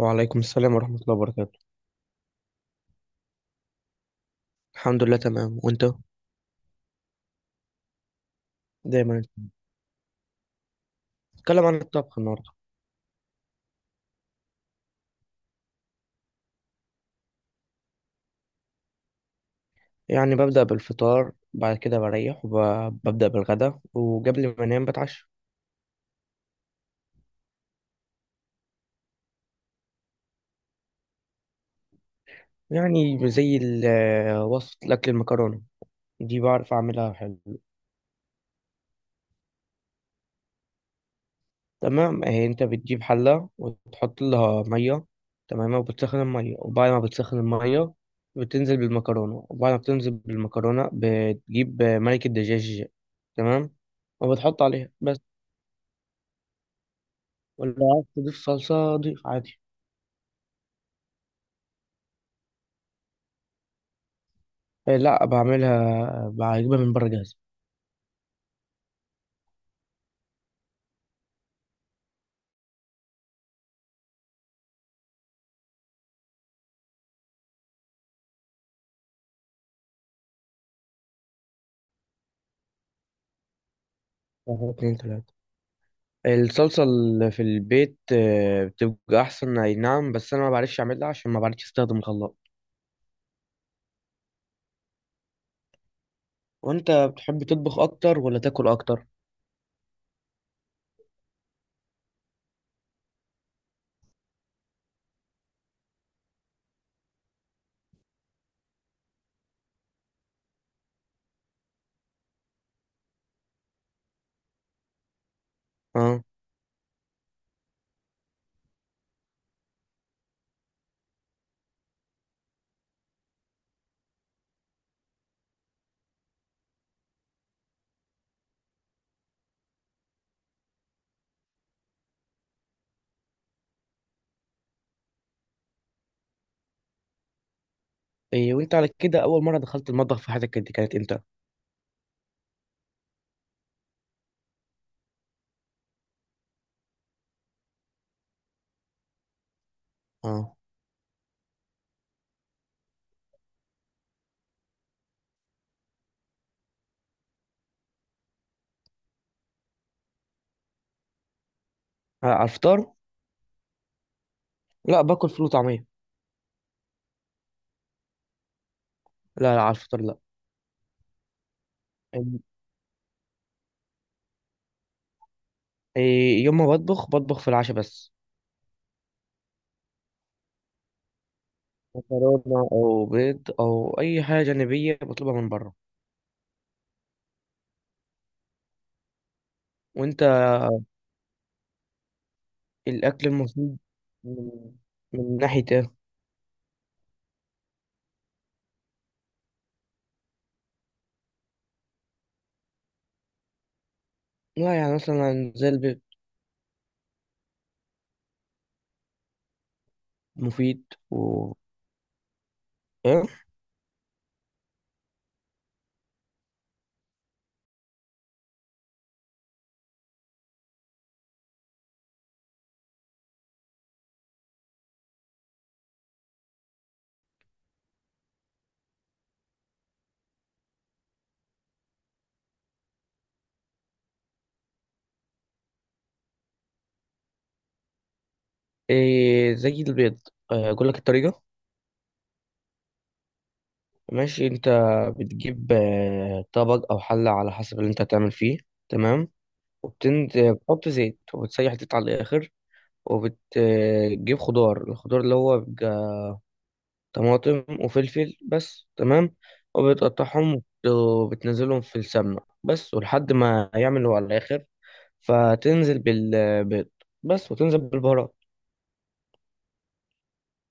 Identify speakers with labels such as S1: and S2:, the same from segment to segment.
S1: وعليكم السلام ورحمة الله وبركاته. الحمد لله، تمام، وانت؟ دايما نتكلم عن الطبخ النهاردة. يعني ببدأ بالفطار، بعد كده بريح وببدأ بالغدا، وقبل ما انام بتعشى. يعني زي وصفة الأكل المكرونة دي بعرف أعملها حلو. تمام، اهي انت بتجيب حلة وتحط لها مية، تمام، وبتسخن المية، وبعد ما بتسخن المية بتنزل بالمكرونة، وبعد ما بتنزل بالمكرونة بتجيب ملك الدجاج، تمام، وبتحط عليها بس. ولا عايز تضيف صلصة، ضيف عادي. إيه، لا بعملها، بجيبها من بره جاهزة. واحد اتنين تلاتة، الصلصة اللي في البيت بتبقى أحسن، أي نعم، بس أنا ما بعرفش أعملها عشان ما بعرفش أستخدم الخلاط. وأنت بتحب تطبخ أكتر ولا تاكل أكتر؟ أه. إيه، وأنت على كده، أول مرة دخلت المطبخ في حياتك كانت إمتى؟ أه، على الفطار؟ لا، باكل فول وطعمية. لا لا، على الفطار لا. إيه، يوم ما بطبخ بطبخ في العشاء بس. مكرونة أو بيض أو أي حاجة جانبية بطلبها من بره. وأنت. الأكل المفيد من من ناحية إيه؟ لا، يعني مثلا زي البيض. مفيد و إيه؟ إيه، زي البيض. أقول لك الطريقة. ماشي. أنت بتجيب طبق أو حلة على حسب اللي أنت هتعمل فيه. تمام، وبتنزل بتحط زيت وبتسيح زيت على الآخر. وبتجيب خضار، الخضار اللي هو بيبقى طماطم وفلفل بس، تمام. وبتقطعهم وبتنزلهم في السمنة بس، ولحد ما يعملوا على الآخر فتنزل بالبيض بس وتنزل بالبهارات.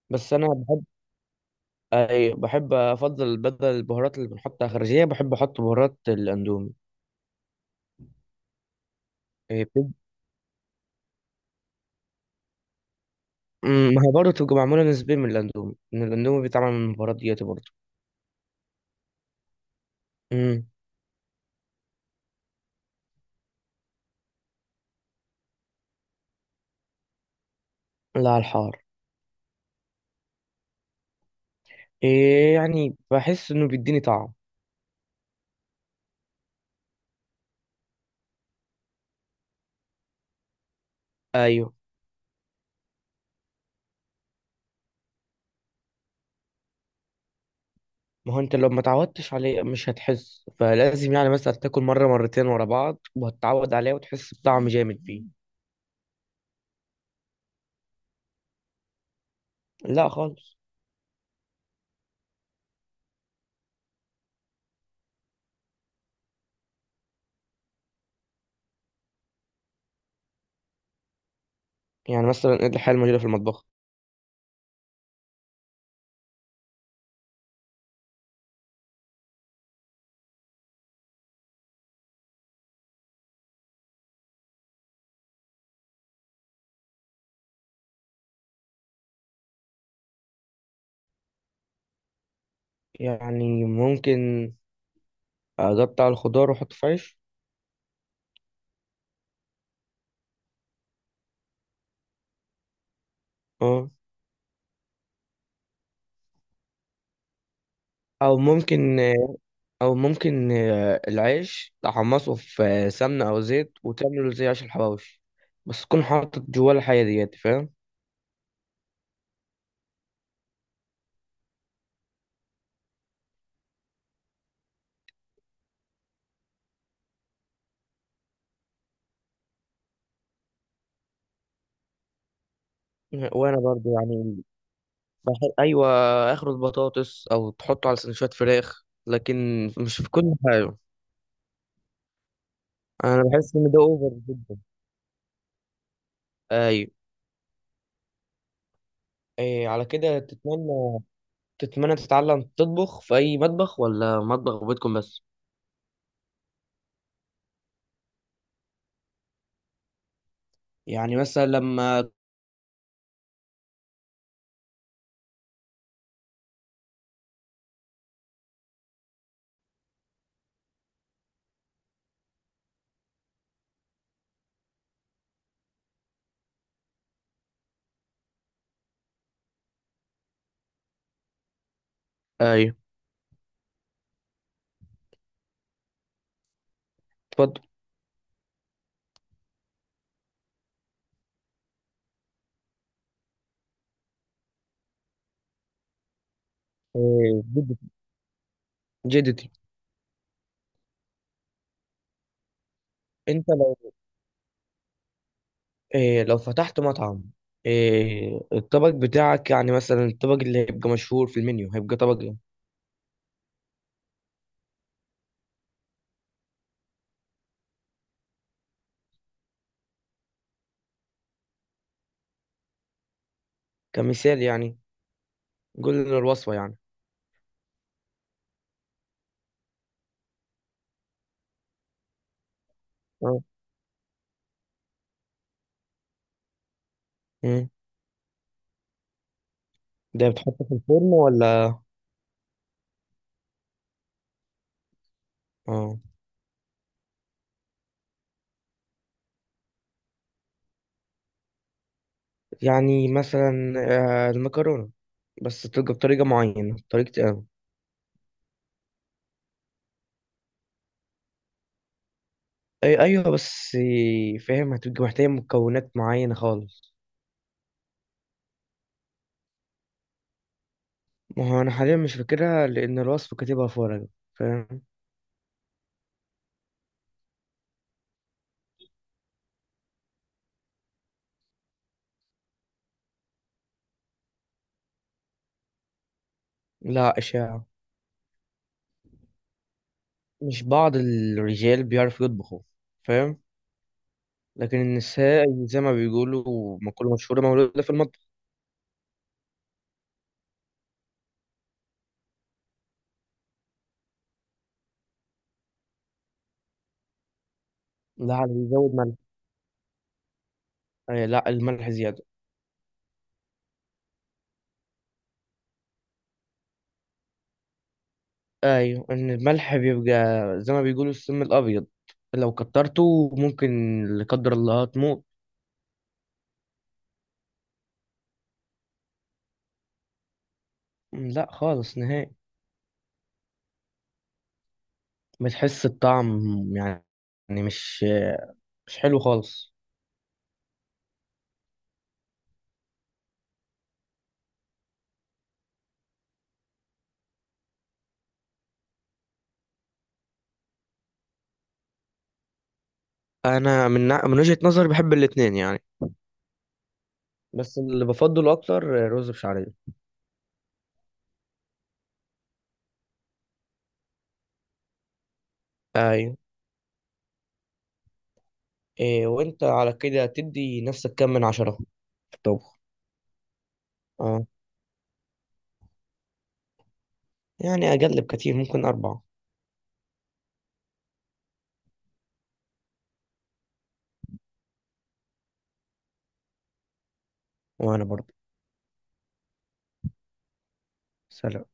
S1: بس انا بحب، أي بحب افضل، بدل البهارات اللي بنحطها خارجيه بحب احط بهارات الاندومي. إيه، ما هي برضه تبقى معموله نسبيا من الاندومي، ان الاندومي بيتعمل من البهارات ديت برضه. امم. لا، على الحار. إيه، يعني بحس انه بيديني طعم. ايوه، ما هو انت لو ما تعودتش عليه مش هتحس، فلازم يعني مثلا تاكل مره مرتين ورا بعض وهتتعود عليه وتحس بطعم جامد فيه. لا خالص. يعني مثلا ايه الحاجه الموجوده في المطبخ؟ يعني ممكن اقطع الخضار واحطه في عيش. اه. او ممكن او ممكن العيش تحمصه في سمنه او زيت وتعمله زي عيش الحواوشي، بس تكون حاطط جواه الحاجه ديت، فاهم. وانا برضو يعني بحب، ايوه، اخر البطاطس، او تحطه على سندوتشات فراخ، لكن مش في كل حاجه. انا بحس ان ده اوفر جدا. ايوه، إيه على كده تتمنى تتعلم تطبخ في اي مطبخ ولا مطبخ بيتكم بس؟ يعني مثلا لما. ايوه. اتفضل. إيه، جدتي. جدتي. انت لو، إيه، لو فتحت مطعم، إيه، الطبق بتاعك، يعني مثلا الطبق اللي هيبقى مشهور في المنيو، هيبقى طبق ايه؟ كمثال يعني، قول لنا الوصفة يعني. اه. مم. ده بتحطه في الفرن ولا؟ اه. يعني مثلا المكرونة، بس تبقى بطريقة معينة، طريقة اه، أي أيوه، بس فاهم، هتبقى محتاجة مكونات معينة خالص. ما هو أنا حاليا مش فاكرها لأن الوصفة كاتبها في ورقة، فاهم. لا، إشاعة. مش بعض الرجال بيعرفوا يطبخوا، فاهم. لكن النساء، زي ما بيقولوا مقولة مشهورة، مولودة في المطبخ. لا، اللي بيزود ملح. آه، لا، الملح زيادة. أيوة، إن الملح بيبقى زي ما بيقولوا السم الأبيض، لو كترته ممكن، لا قدر الله، تموت. لا، خالص نهائي، بتحس الطعم، يعني مش مش حلو خالص. أنا من وجهة نظري بحب الاتنين يعني. بس اللي بفضله أكتر رز بشعرية. أيوة. إيه وانت على كده تدي نفسك كام من 10 في الطبخ؟ اه. يعني اقل بكتير، ممكن اربعة. وانا برضه. سلام.